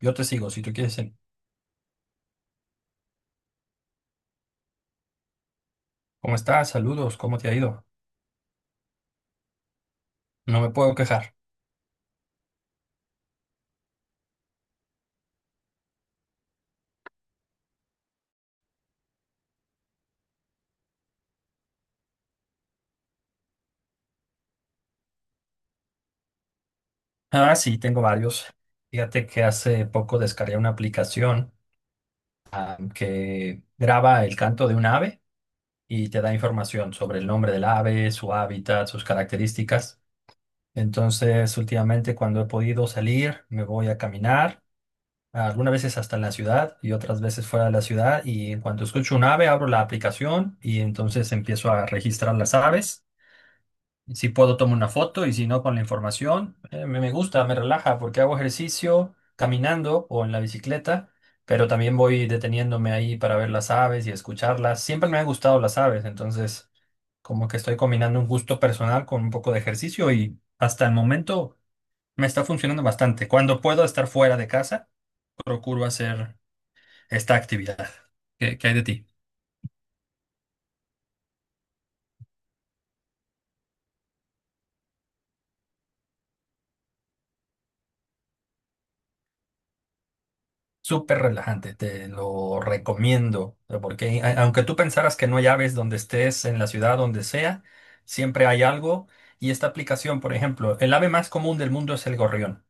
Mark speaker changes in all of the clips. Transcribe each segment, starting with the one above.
Speaker 1: Yo te sigo si tú quieres seguir. ¿Cómo estás? Saludos, ¿cómo te ha ido? No me puedo quejar. Ah, sí, tengo varios. Fíjate que hace poco descargué una aplicación que graba el canto de un ave y te da información sobre el nombre del ave, su hábitat, sus características. Entonces, últimamente cuando he podido salir, me voy a caminar, algunas veces hasta en la ciudad y otras veces fuera de la ciudad. Y en cuanto escucho un ave, abro la aplicación y entonces empiezo a registrar las aves. Si puedo tomo una foto y si no con la información, me gusta, me relaja porque hago ejercicio caminando o en la bicicleta, pero también voy deteniéndome ahí para ver las aves y escucharlas. Siempre me han gustado las aves, entonces como que estoy combinando un gusto personal con un poco de ejercicio y hasta el momento me está funcionando bastante. Cuando puedo estar fuera de casa, procuro hacer esta actividad. ¿Qué hay de ti? Súper relajante, te lo recomiendo, porque aunque tú pensaras que no hay aves donde estés, en la ciudad, donde sea, siempre hay algo. Y esta aplicación, por ejemplo, el ave más común del mundo es el gorrión.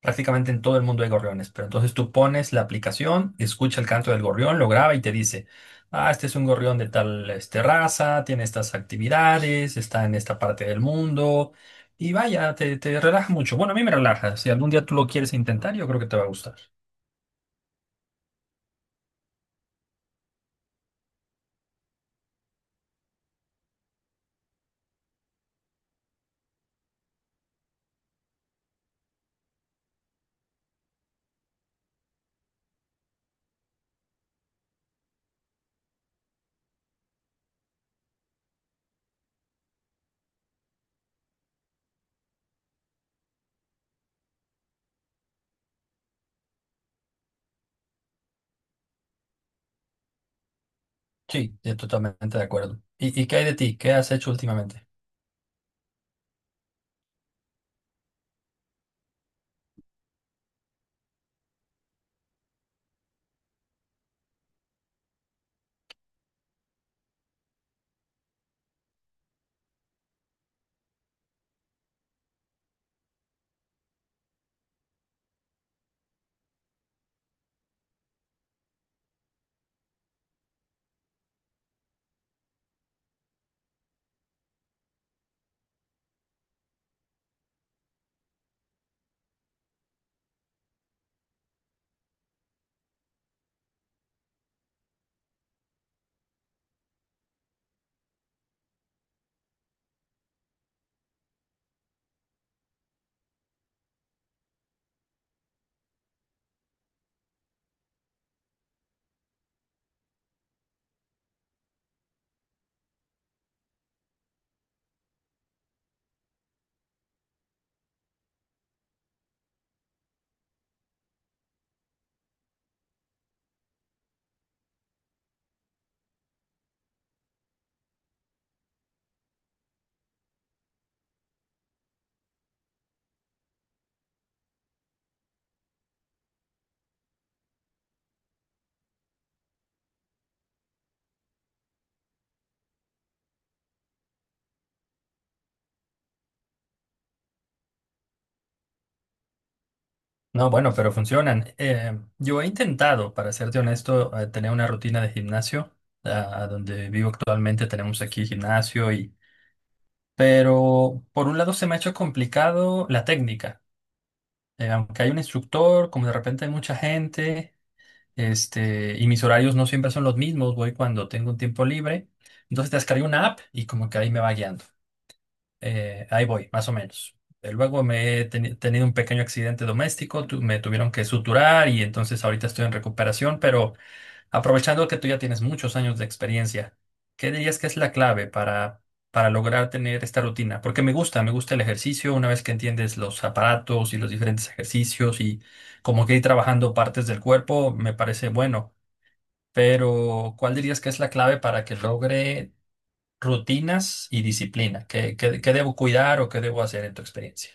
Speaker 1: Prácticamente en todo el mundo hay gorriones, pero entonces tú pones la aplicación, escucha el canto del gorrión, lo graba y te dice, este es un gorrión de tal raza, tiene estas actividades, está en esta parte del mundo. Y vaya, te relaja mucho. Bueno, a mí me relaja. Si algún día tú lo quieres intentar, yo creo que te va a gustar. Sí, estoy totalmente de acuerdo. ¿Y qué hay de ti? ¿Qué has hecho últimamente? No, bueno, pero funcionan. Yo he intentado, para serte honesto, tener una rutina de gimnasio. Donde vivo actualmente tenemos aquí gimnasio y... Pero por un lado se me ha hecho complicado la técnica. Aunque hay un instructor, como de repente hay mucha gente, y mis horarios no siempre son los mismos, voy cuando tengo un tiempo libre. Entonces descargué una app y como que ahí me va guiando. Ahí voy, más o menos. Luego me he tenido un pequeño accidente doméstico, me tuvieron que suturar y entonces ahorita estoy en recuperación, pero aprovechando que tú ya tienes muchos años de experiencia, ¿qué dirías que es la clave para lograr tener esta rutina? Porque me gusta el ejercicio, una vez que entiendes los aparatos y los diferentes ejercicios y como que ir trabajando partes del cuerpo, me parece bueno, pero ¿cuál dirías que es la clave para que logre rutinas y disciplina? ¿Qué debo cuidar o qué debo hacer en tu experiencia?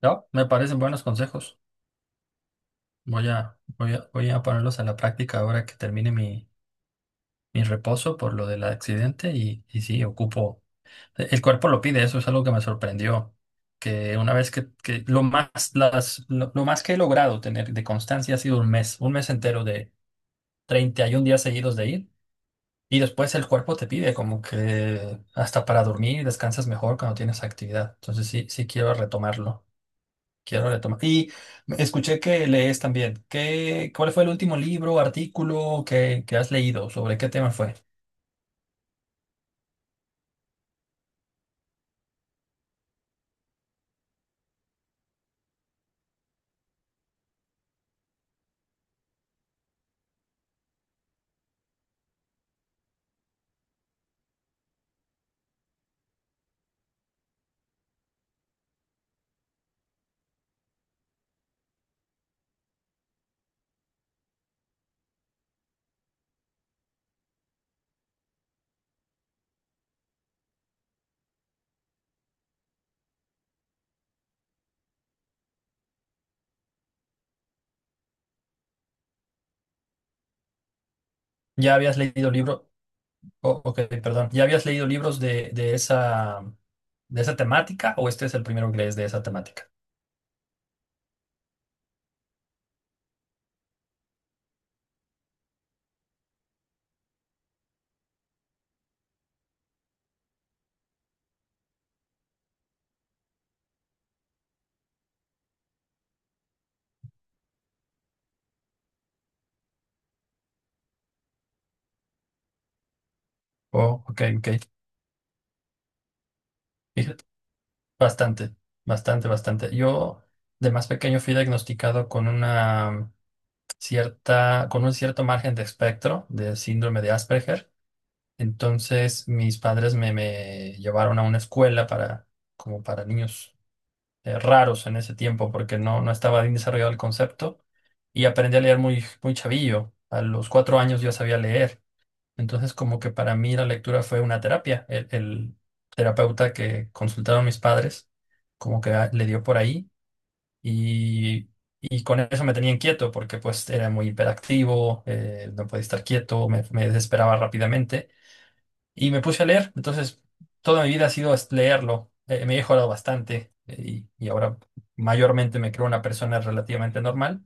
Speaker 1: No, me parecen buenos consejos. Voy a ponerlos a la práctica ahora que termine mi reposo por lo del accidente y sí, ocupo. El cuerpo lo pide, eso es algo que me sorprendió. Que una vez que, que lo más que he logrado tener de constancia ha sido un mes entero de 31 días seguidos de ir. Y después el cuerpo te pide como que hasta para dormir descansas mejor cuando tienes actividad. Entonces sí, sí quiero retomarlo. Quiero retomar. Y escuché que lees también. ¿Cuál fue el último libro, artículo que has leído? ¿Sobre qué tema fue? ¿Ya habías leído libro? Oh, ok, perdón. ¿Ya habías leído libros de esa temática? ¿O este es el primero que lees de esa temática? Oh, ok, ok. Fíjate, bastante, bastante, bastante. Yo de más pequeño fui diagnosticado con una cierta, con un cierto margen de espectro de síndrome de Asperger. Entonces mis padres me llevaron a una escuela para, como para niños raros en ese tiempo, porque no, no estaba bien desarrollado el concepto y aprendí a leer muy, muy chavillo. A los 4 años yo sabía leer. Entonces como que para mí la lectura fue una terapia. El terapeuta que consultaron mis padres como que le dio por ahí y, y con eso me tenía inquieto porque pues era muy hiperactivo, no podía estar quieto, me desesperaba rápidamente y me puse a leer. Entonces, toda mi vida ha sido leerlo. Me he mejorado bastante, y ahora mayormente me creo una persona relativamente normal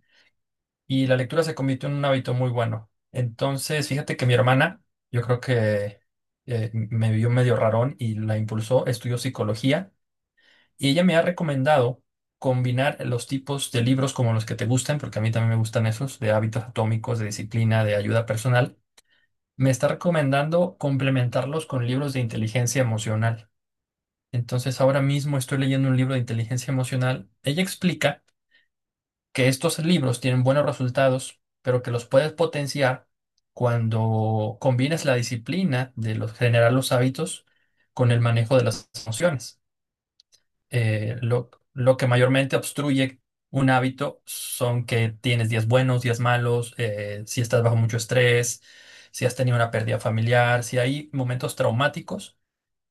Speaker 1: y la lectura se convirtió en un hábito muy bueno. Entonces, fíjate que mi hermana, yo creo que me vio medio rarón y la impulsó, estudió psicología y ella me ha recomendado combinar los tipos de libros como los que te gustan, porque a mí también me gustan esos, de hábitos atómicos, de disciplina, de ayuda personal. Me está recomendando complementarlos con libros de inteligencia emocional. Entonces, ahora mismo estoy leyendo un libro de inteligencia emocional. Ella explica que estos libros tienen buenos resultados, pero que los puedes potenciar cuando combinas la disciplina de los, generar los hábitos con el manejo de las emociones. Lo que mayormente obstruye un hábito son que tienes días buenos, días malos, si estás bajo mucho estrés, si has tenido una pérdida familiar, si hay momentos traumáticos,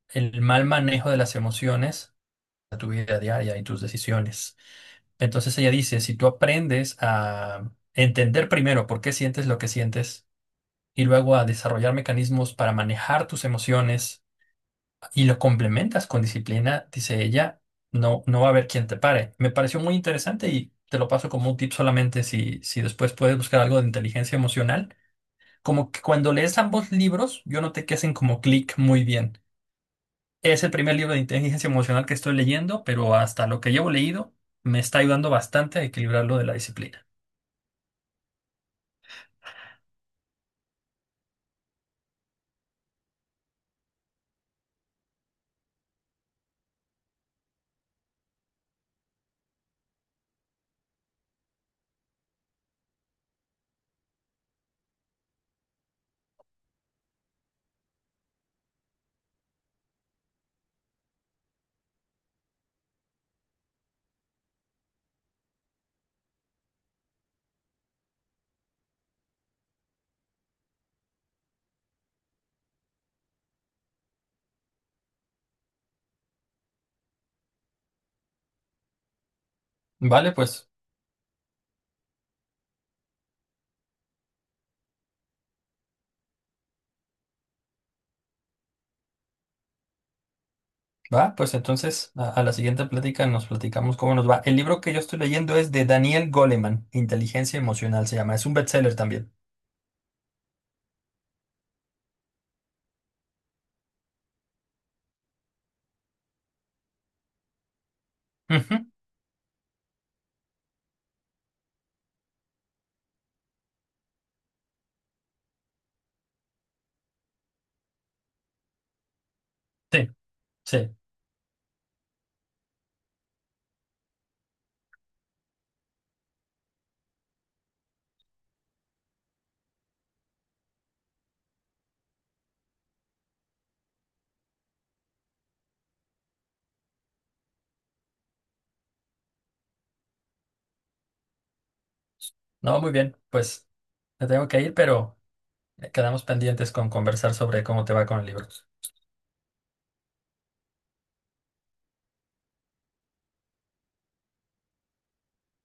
Speaker 1: el mal manejo de las emociones a tu vida diaria y tus decisiones. Entonces ella dice, si tú aprendes a entender primero por qué sientes lo que sientes y luego a desarrollar mecanismos para manejar tus emociones, y lo complementas con disciplina, dice ella, no, no va a haber quien te pare. Me pareció muy interesante y te lo paso como un tip solamente si, después puedes buscar algo de inteligencia emocional. Como que cuando lees ambos libros, yo noté que hacen como clic muy bien. Es el primer libro de inteligencia emocional que estoy leyendo, pero hasta lo que llevo leído me está ayudando bastante a equilibrarlo de la disciplina. Vale, pues. Va, pues entonces a, la siguiente plática nos platicamos cómo nos va. El libro que yo estoy leyendo es de Daniel Goleman, Inteligencia Emocional se llama. Es un bestseller también. Ujú, sí, sí. No, muy bien. Pues me tengo que ir, pero quedamos pendientes con conversar sobre cómo te va con el libro.